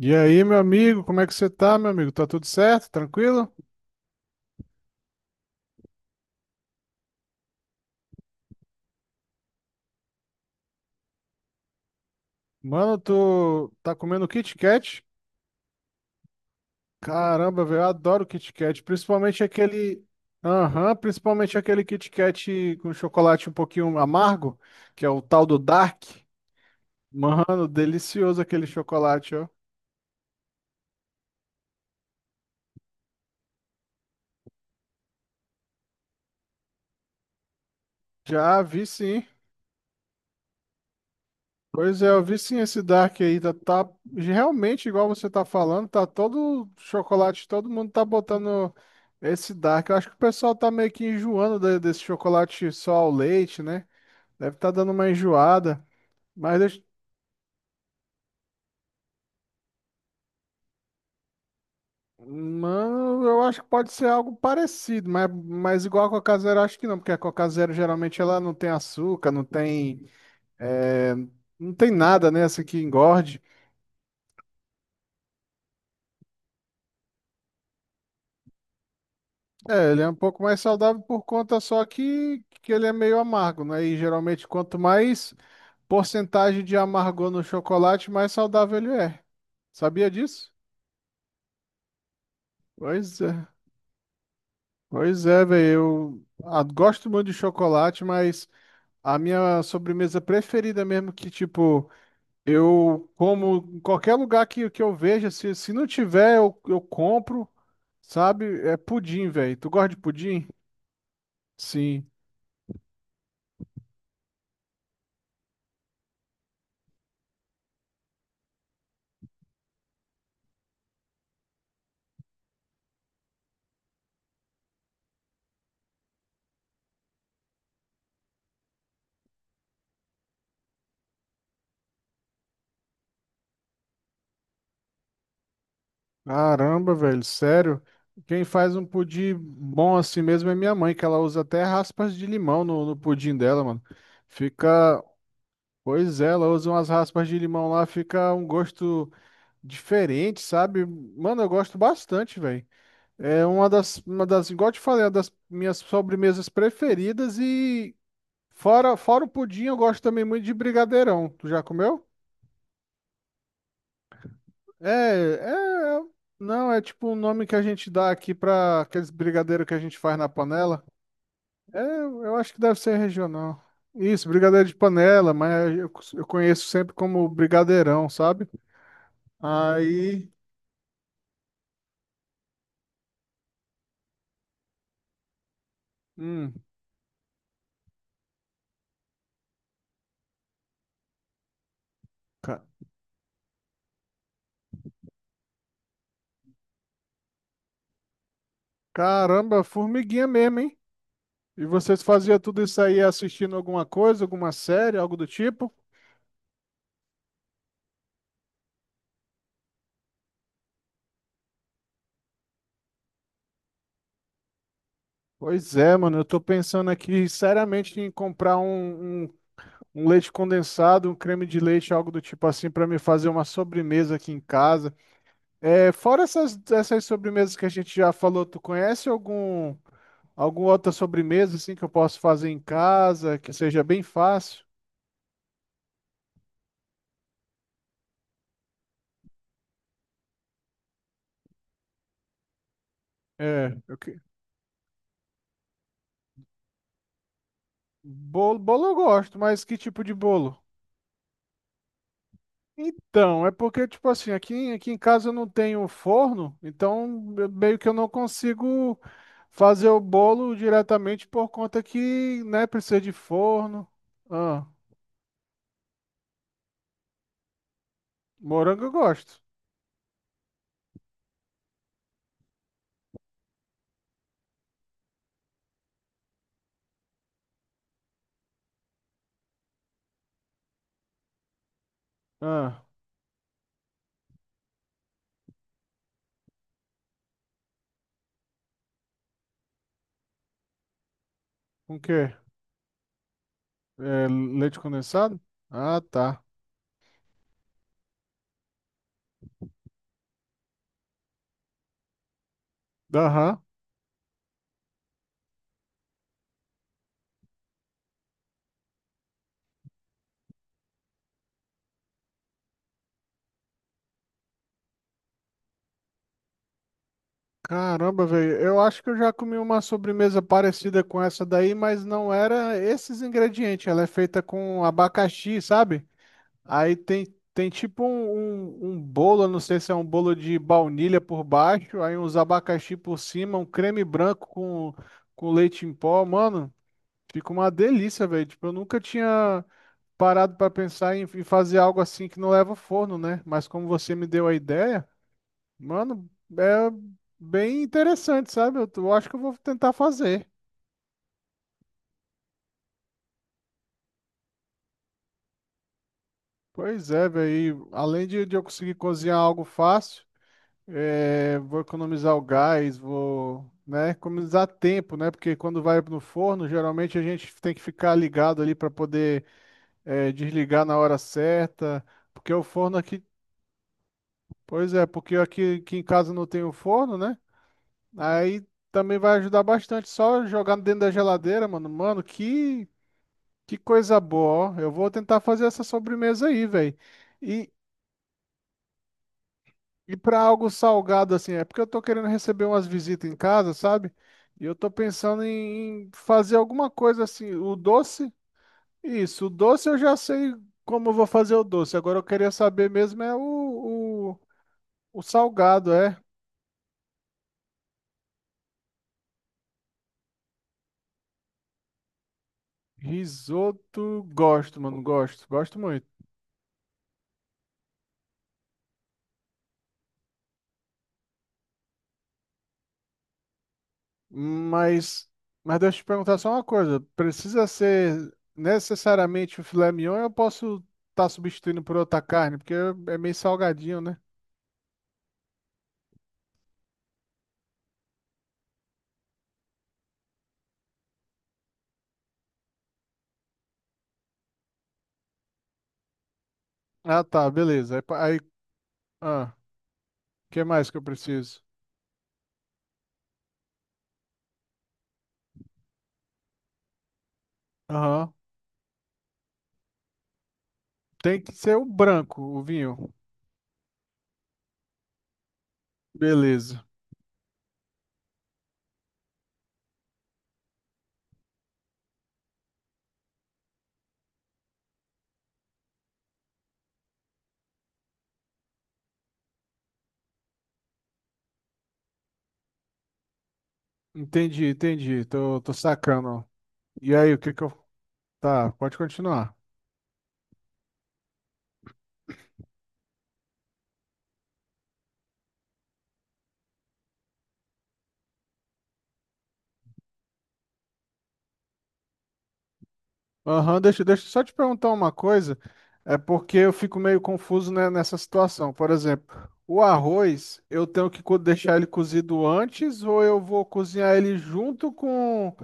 E aí, meu amigo, como é que você tá, meu amigo? Tá tudo certo? Tranquilo? Mano, tu tá comendo Kit Kat? Caramba, velho, eu adoro Kit Kat, aham, principalmente aquele Kit Kat com chocolate um pouquinho amargo, que é o tal do Dark. Mano, delicioso aquele chocolate, ó. Já vi, sim. Pois é, eu vi sim esse Dark aí, tá realmente igual você tá falando, tá todo chocolate, todo mundo tá botando esse Dark. Eu acho que o pessoal tá meio que enjoando desse chocolate só ao leite, né? Deve tá dando uma enjoada. Mas, deixa- Mano, eu acho que pode ser algo parecido, mas, igual a Coca Zero, eu acho que não, porque a Coca Zero geralmente ela não tem açúcar, eh, não tem nada, né, assim, que engorde. É, ele é um pouco mais saudável por conta só que, ele é meio amargo, né? E geralmente quanto mais porcentagem de amargor no chocolate, mais saudável ele é. Sabia disso? Pois é. Pois é, velho. Eu gosto muito de chocolate, mas a minha sobremesa preferida mesmo que, tipo, eu como em qualquer lugar que, eu veja, se, não tiver, eu, compro, sabe? É pudim, velho. Tu gosta de pudim? Sim. Caramba, velho, sério? Quem faz um pudim bom assim mesmo é minha mãe, que ela usa até raspas de limão no, pudim dela, mano. Fica. Pois é, ela usa umas raspas de limão lá, fica um gosto diferente, sabe? Mano, eu gosto bastante, velho. É uma das, igual eu te falei, é uma das minhas sobremesas preferidas e fora, o pudim, eu gosto também muito de brigadeirão. Tu já comeu? É, é, não, é tipo um nome que a gente dá aqui pra aqueles brigadeiro que a gente faz na panela. É, eu acho que deve ser regional. Isso, brigadeiro de panela, mas eu, conheço sempre como brigadeirão, sabe? Aí, hum, ca- caramba, formiguinha mesmo, hein? E vocês faziam tudo isso aí assistindo alguma coisa, alguma série, algo do tipo? Pois é, mano, eu tô pensando aqui seriamente em comprar um, leite condensado, um creme de leite, algo do tipo assim, para me fazer uma sobremesa aqui em casa. É, fora essas, sobremesas que a gente já falou, tu conhece alguma outra sobremesa assim que eu posso fazer em casa, que seja bem fácil? É, bolo, eu gosto, mas que tipo de bolo? Então, é porque, tipo assim, aqui, em casa eu não tenho forno, então meio que eu não consigo fazer o bolo diretamente por conta que, né, precisa de forno. Ah, morango eu gosto. Ah, com o quê? É, leite condensado? Ah, tá. Aham. Caramba, velho, eu acho que eu já comi uma sobremesa parecida com essa daí, mas não era esses ingredientes. Ela é feita com abacaxi, sabe? Aí tem, tipo um, bolo, eu não sei se é um bolo de baunilha por baixo, aí uns abacaxi por cima, um creme branco com, leite em pó. Mano, fica uma delícia, velho. Tipo, eu nunca tinha parado pra pensar em, fazer algo assim que não leva ao forno, né? Mas como você me deu a ideia, mano, é bem interessante, sabe? Eu acho que eu vou tentar fazer. Pois é, velho. E além de, eu conseguir cozinhar algo fácil. É, vou economizar o gás, vou, né, economizar tempo, né? Porque quando vai no forno, geralmente a gente tem que ficar ligado ali para poder desligar na hora certa, porque o forno aqui, pois é, porque aqui, em casa não tem o forno, né? Aí também vai ajudar bastante, só jogar dentro da geladeira, mano. Mano, que coisa boa, ó. Eu vou tentar fazer essa sobremesa aí, velho. E para algo salgado assim, é porque eu tô querendo receber umas visitas em casa, sabe? E eu tô pensando em fazer alguma coisa assim, isso, o doce eu já sei como eu vou fazer o doce. Agora eu queria saber mesmo é o, o, salgado, é. Risoto, gosto, mano, gosto, gosto muito. Mas, mas deixa eu te perguntar só uma coisa, precisa ser necessariamente o filé mignon ou eu posso estar substituindo por outra carne? Porque é meio salgadinho, né? Ah, tá, beleza. Aí, ah, o que mais que eu preciso? Aham. Tem que ser o branco, o vinho. Beleza. Entendi, entendi. Tô, tô sacando. E aí, o que que eu. Tá, pode continuar. Aham, deixa, eu só te perguntar uma coisa. É porque eu fico meio confuso, né, nessa situação. Por exemplo, o arroz, eu tenho que deixar ele cozido antes ou eu vou cozinhar ele junto com,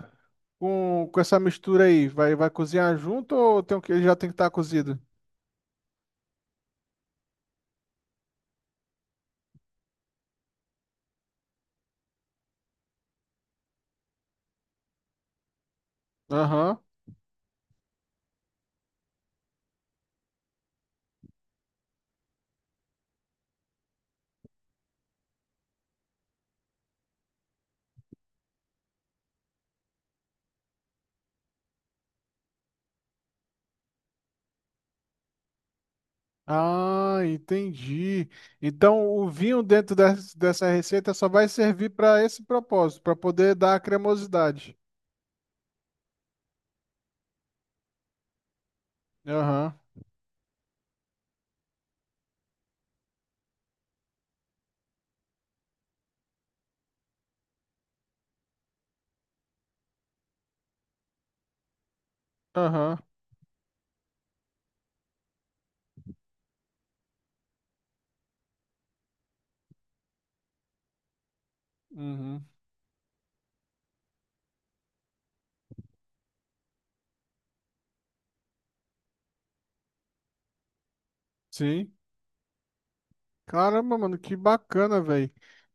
essa mistura aí? Vai, vai cozinhar junto ou eu ele já tem que estar cozido? Aham. Ah, entendi. Então, o vinho dentro dessa receita só vai servir para esse propósito, para poder dar a cremosidade. Aham, aham, uhum, sim. Caramba, mano, que bacana, velho.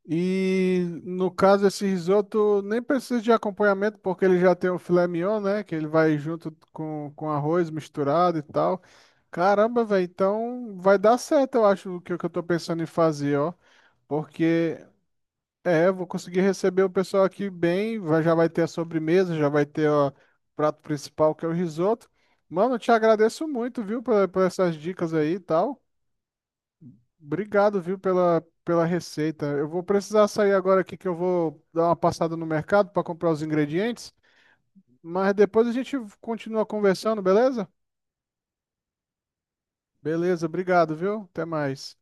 E no caso, esse risoto nem precisa de acompanhamento, porque ele já tem o filé mignon, né? Que ele vai junto com, arroz misturado e tal. Caramba, velho, então vai dar certo, eu acho, o que, eu tô pensando em fazer, ó. Porque É, eu vou conseguir receber o pessoal aqui bem. Já vai ter a sobremesa, já vai ter, ó, o prato principal, que é o risoto. Mano, eu te agradeço muito, viu, por, essas dicas aí e tal. Obrigado, viu, pela, receita. Eu vou precisar sair agora aqui que eu vou dar uma passada no mercado para comprar os ingredientes. Mas depois a gente continua conversando, beleza? Beleza, obrigado, viu? Até mais.